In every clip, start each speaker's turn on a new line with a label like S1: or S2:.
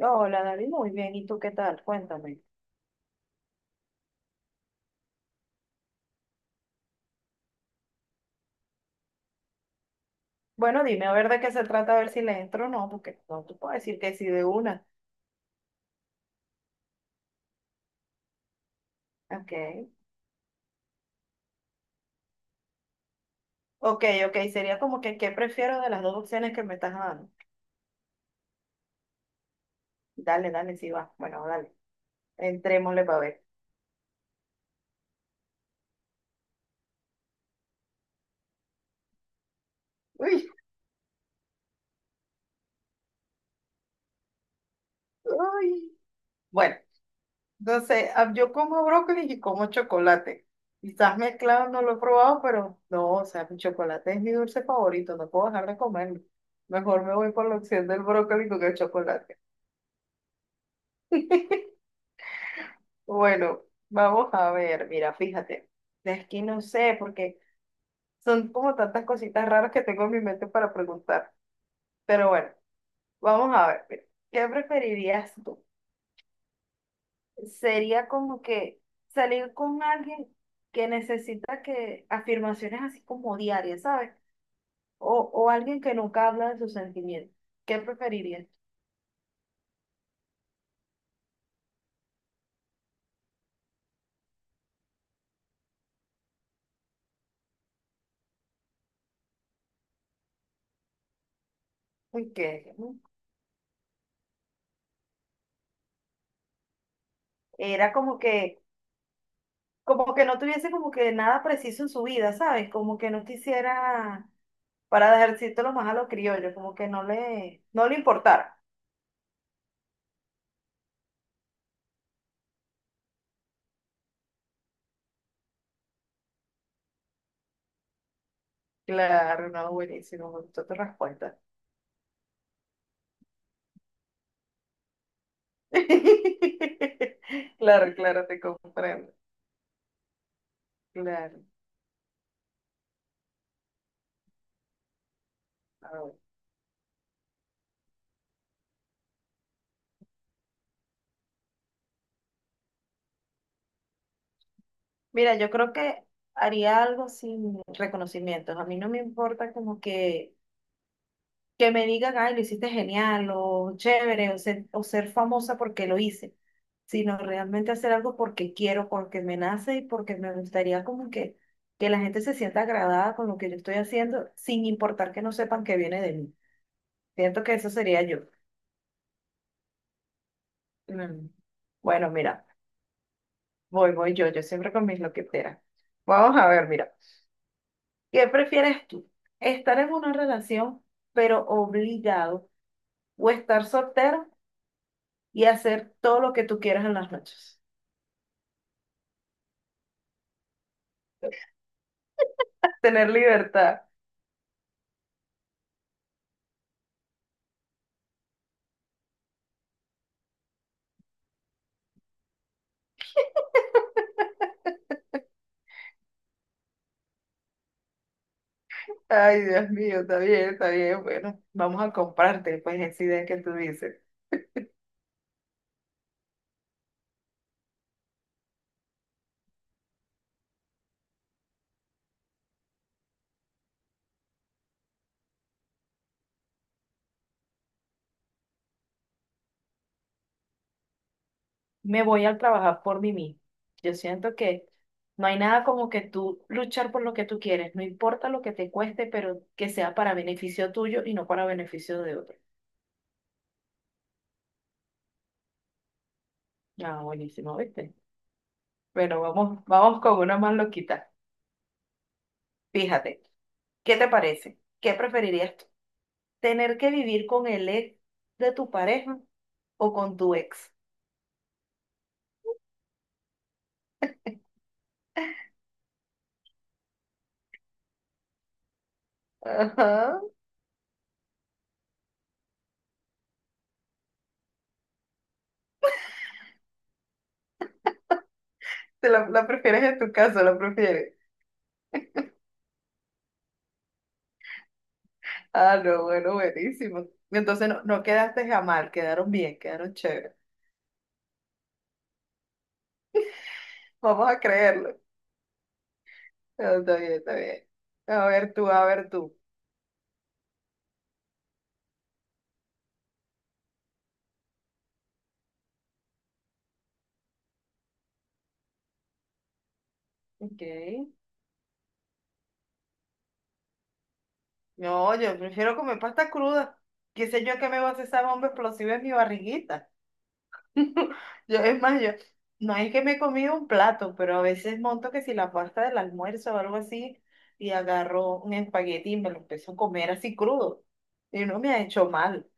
S1: Hola, David, muy bien. ¿Y tú qué tal? Cuéntame. Bueno, dime a ver de qué se trata, a ver si le entro o no, porque no te puedo decir que sí de una. Ok. Ok, ok. Sería como que qué prefiero de las dos opciones que me estás dando. Dale, dale, sí va. Bueno, dale. Entrémosle para ver. Uy, uy. Bueno, entonces yo como brócoli y como chocolate. Quizás mezclado no lo he probado, pero no, o sea, mi chocolate es mi dulce favorito, no puedo dejar de comerlo. Mejor me voy por la opción del brócoli con el chocolate. Bueno, vamos a ver, mira, fíjate, es que no sé, porque son como tantas cositas raras que tengo en mi mente para preguntar. Pero bueno, vamos a ver, mira, ¿qué preferirías tú? Sería como que salir con alguien que necesita que afirmaciones así como diarias, ¿sabes? O alguien que nunca habla de sus sentimientos. ¿Qué preferirías? Uy, qué era como que no tuviese como que nada preciso en su vida, ¿sabes? Como que no quisiera para dejárselos más a los criollos, como que no le importara. Claro, no, buenísimo, me gustó tu respuesta. Claro, claro, te comprendo. Claro. Ah, bueno. Mira, yo creo que haría algo sin reconocimientos. A mí no me importa como que me digan, ay, lo hiciste genial o chévere o ser famosa porque lo hice, sino realmente hacer algo porque quiero, porque me nace y porque me gustaría como que la gente se sienta agradada con lo que yo estoy haciendo, sin importar que no sepan que viene de mí. Siento que eso sería yo. Mm. Bueno, mira, voy yo, yo siempre con mis loqueteras. Vamos a ver, mira, ¿qué prefieres tú? ¿Estar en una relación pero obligado o estar soltero? Y hacer todo lo que tú quieras en las noches. Tener libertad. Ay, Dios mío, está bien, está bien. Bueno, vamos a comprarte, pues, esa idea que tú dices. Me voy a trabajar por mí mismo. Yo siento que no hay nada como que tú luchar por lo que tú quieres, no importa lo que te cueste, pero que sea para beneficio tuyo y no para beneficio de otro. Ah, buenísimo, ¿viste? Bueno vamos, vamos con una más loquita. Fíjate, ¿qué te parece? ¿Qué preferirías tener que vivir con el ex de tu pareja o con tu ex? Ajá. ¿Te la prefieres en tu caso? ¿La prefieres? Ah, no, bueno, buenísimo. Entonces no, no quedaste mal, quedaron bien, quedaron chévere. Vamos a creerlo. Ah, está bien, está bien. A ver tú, a ver tú. Ok. No, yo prefiero comer pasta cruda. ¿Qué sé yo que me va a hacer esa bomba explosiva en mi barriguita? Yo, es más, yo, no es que me he comido un plato, pero a veces monto que si la pasta del almuerzo o algo así, y agarro un espagueti y me lo empiezo a comer así crudo. Y no me ha hecho mal.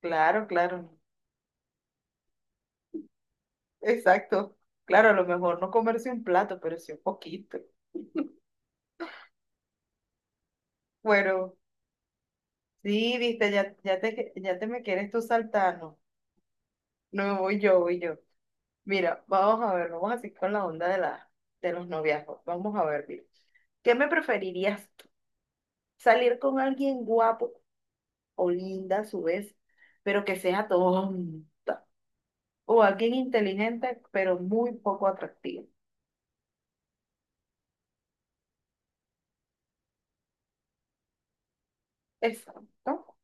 S1: Claro, claro. Exacto. Claro, a lo mejor no comerse un plato, pero sí un poquito. Bueno, sí, viste, ya, ya te me quieres tú saltar, ¿no? No, voy yo, voy yo. Mira, vamos a ver, vamos así con la onda de la, de los noviazgos. Vamos a ver, mira. ¿Qué me preferirías? Salir con alguien guapo o linda a su vez, pero que sea tonta. O alguien inteligente, pero muy poco atractivo. Exacto.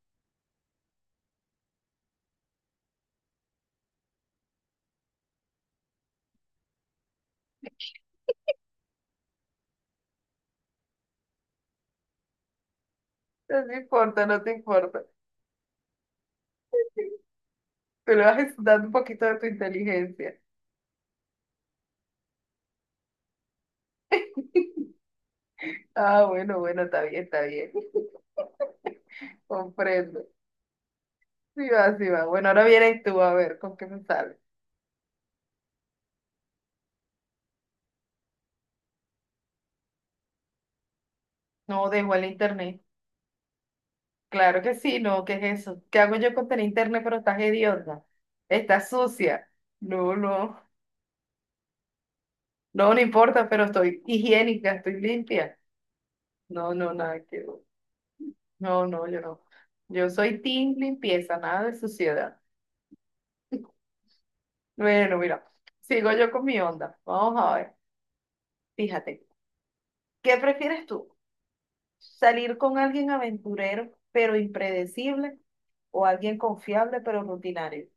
S1: No te importa, no te importa. Tú le vas dando un poquito de tu inteligencia. Ah, bueno, bueno, está bien, está bien. Comprendo. Sí va, sí va. Bueno, ahora vienes tú a ver con qué me sale. No, dejo el internet. Claro que sí, no, ¿qué es eso? ¿Qué hago yo con tener internet pero estás hedionda? Estás sucia. No, no. No, no importa, pero estoy higiénica, estoy limpia. No, no, nada que ver. No, no, yo no. Yo soy team limpieza, nada de suciedad. Bueno, mira, sigo yo con mi onda. Vamos a ver. Fíjate, ¿qué prefieres tú? ¿Salir con alguien aventurero pero impredecible o alguien confiable pero rutinario?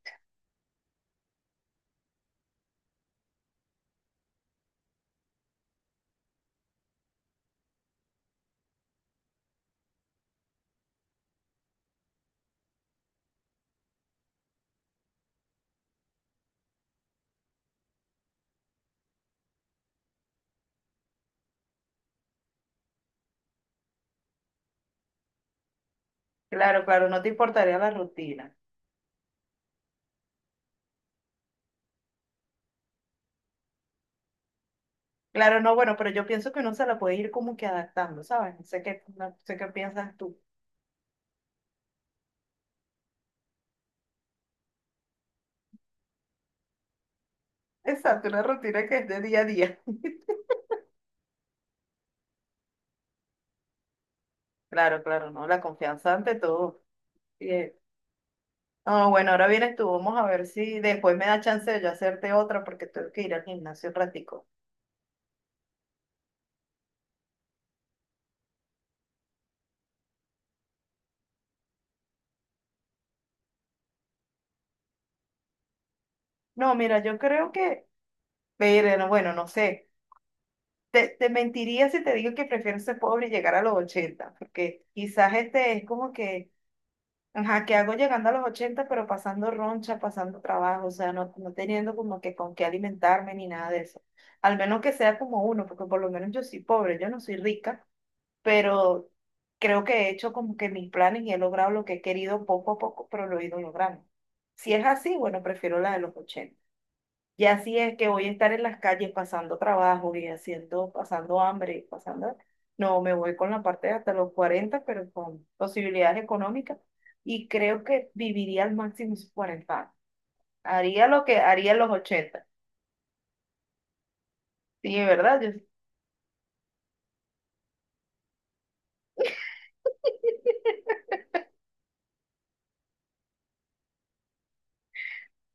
S1: Claro, claro, no te importaría la rutina. Claro, no, bueno, pero yo pienso que uno se la puede ir como que adaptando, ¿sabes? No sé qué, no sé qué piensas tú. Exacto, una rutina que es de día a día. Claro, claro, no, la confianza ante todo. Bien. No, bueno, ahora vienes tú, vamos a ver si después me da chance de yo hacerte otra porque tengo que ir al gimnasio un ratico. No, mira, yo creo que, pero no, bueno, no sé, te mentiría si te digo que prefiero ser pobre y llegar a los 80 porque quizás este es como que, ajá, que hago llegando a los 80 pero pasando roncha, pasando trabajo, o sea, no, no teniendo como que con qué alimentarme ni nada de eso. Al menos que sea como uno, porque por lo menos yo soy pobre, yo no soy rica, pero creo que he hecho como que mis planes y he logrado lo que he querido poco a poco, pero lo he ido logrando. Si es así, bueno, prefiero la de los 80. Y así es que voy a estar en las calles pasando trabajo y haciendo, pasando hambre, y pasando... No, me voy con la parte de hasta los 40 pero con posibilidades económicas. Y creo que viviría al máximo esos 40 años. Haría lo que haría en los 80. Sí, ¿verdad? Yo-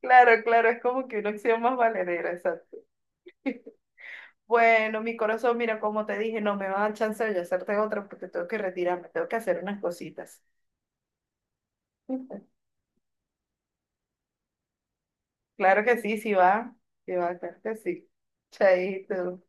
S1: claro, claro, es como que una opción más valedera. Bueno, mi corazón, mira, como te dije, no me va a dar chance de yo hacerte otra porque tengo que retirarme, tengo que hacer unas cositas. Claro que sí, sí va, claro que sí. Chaito.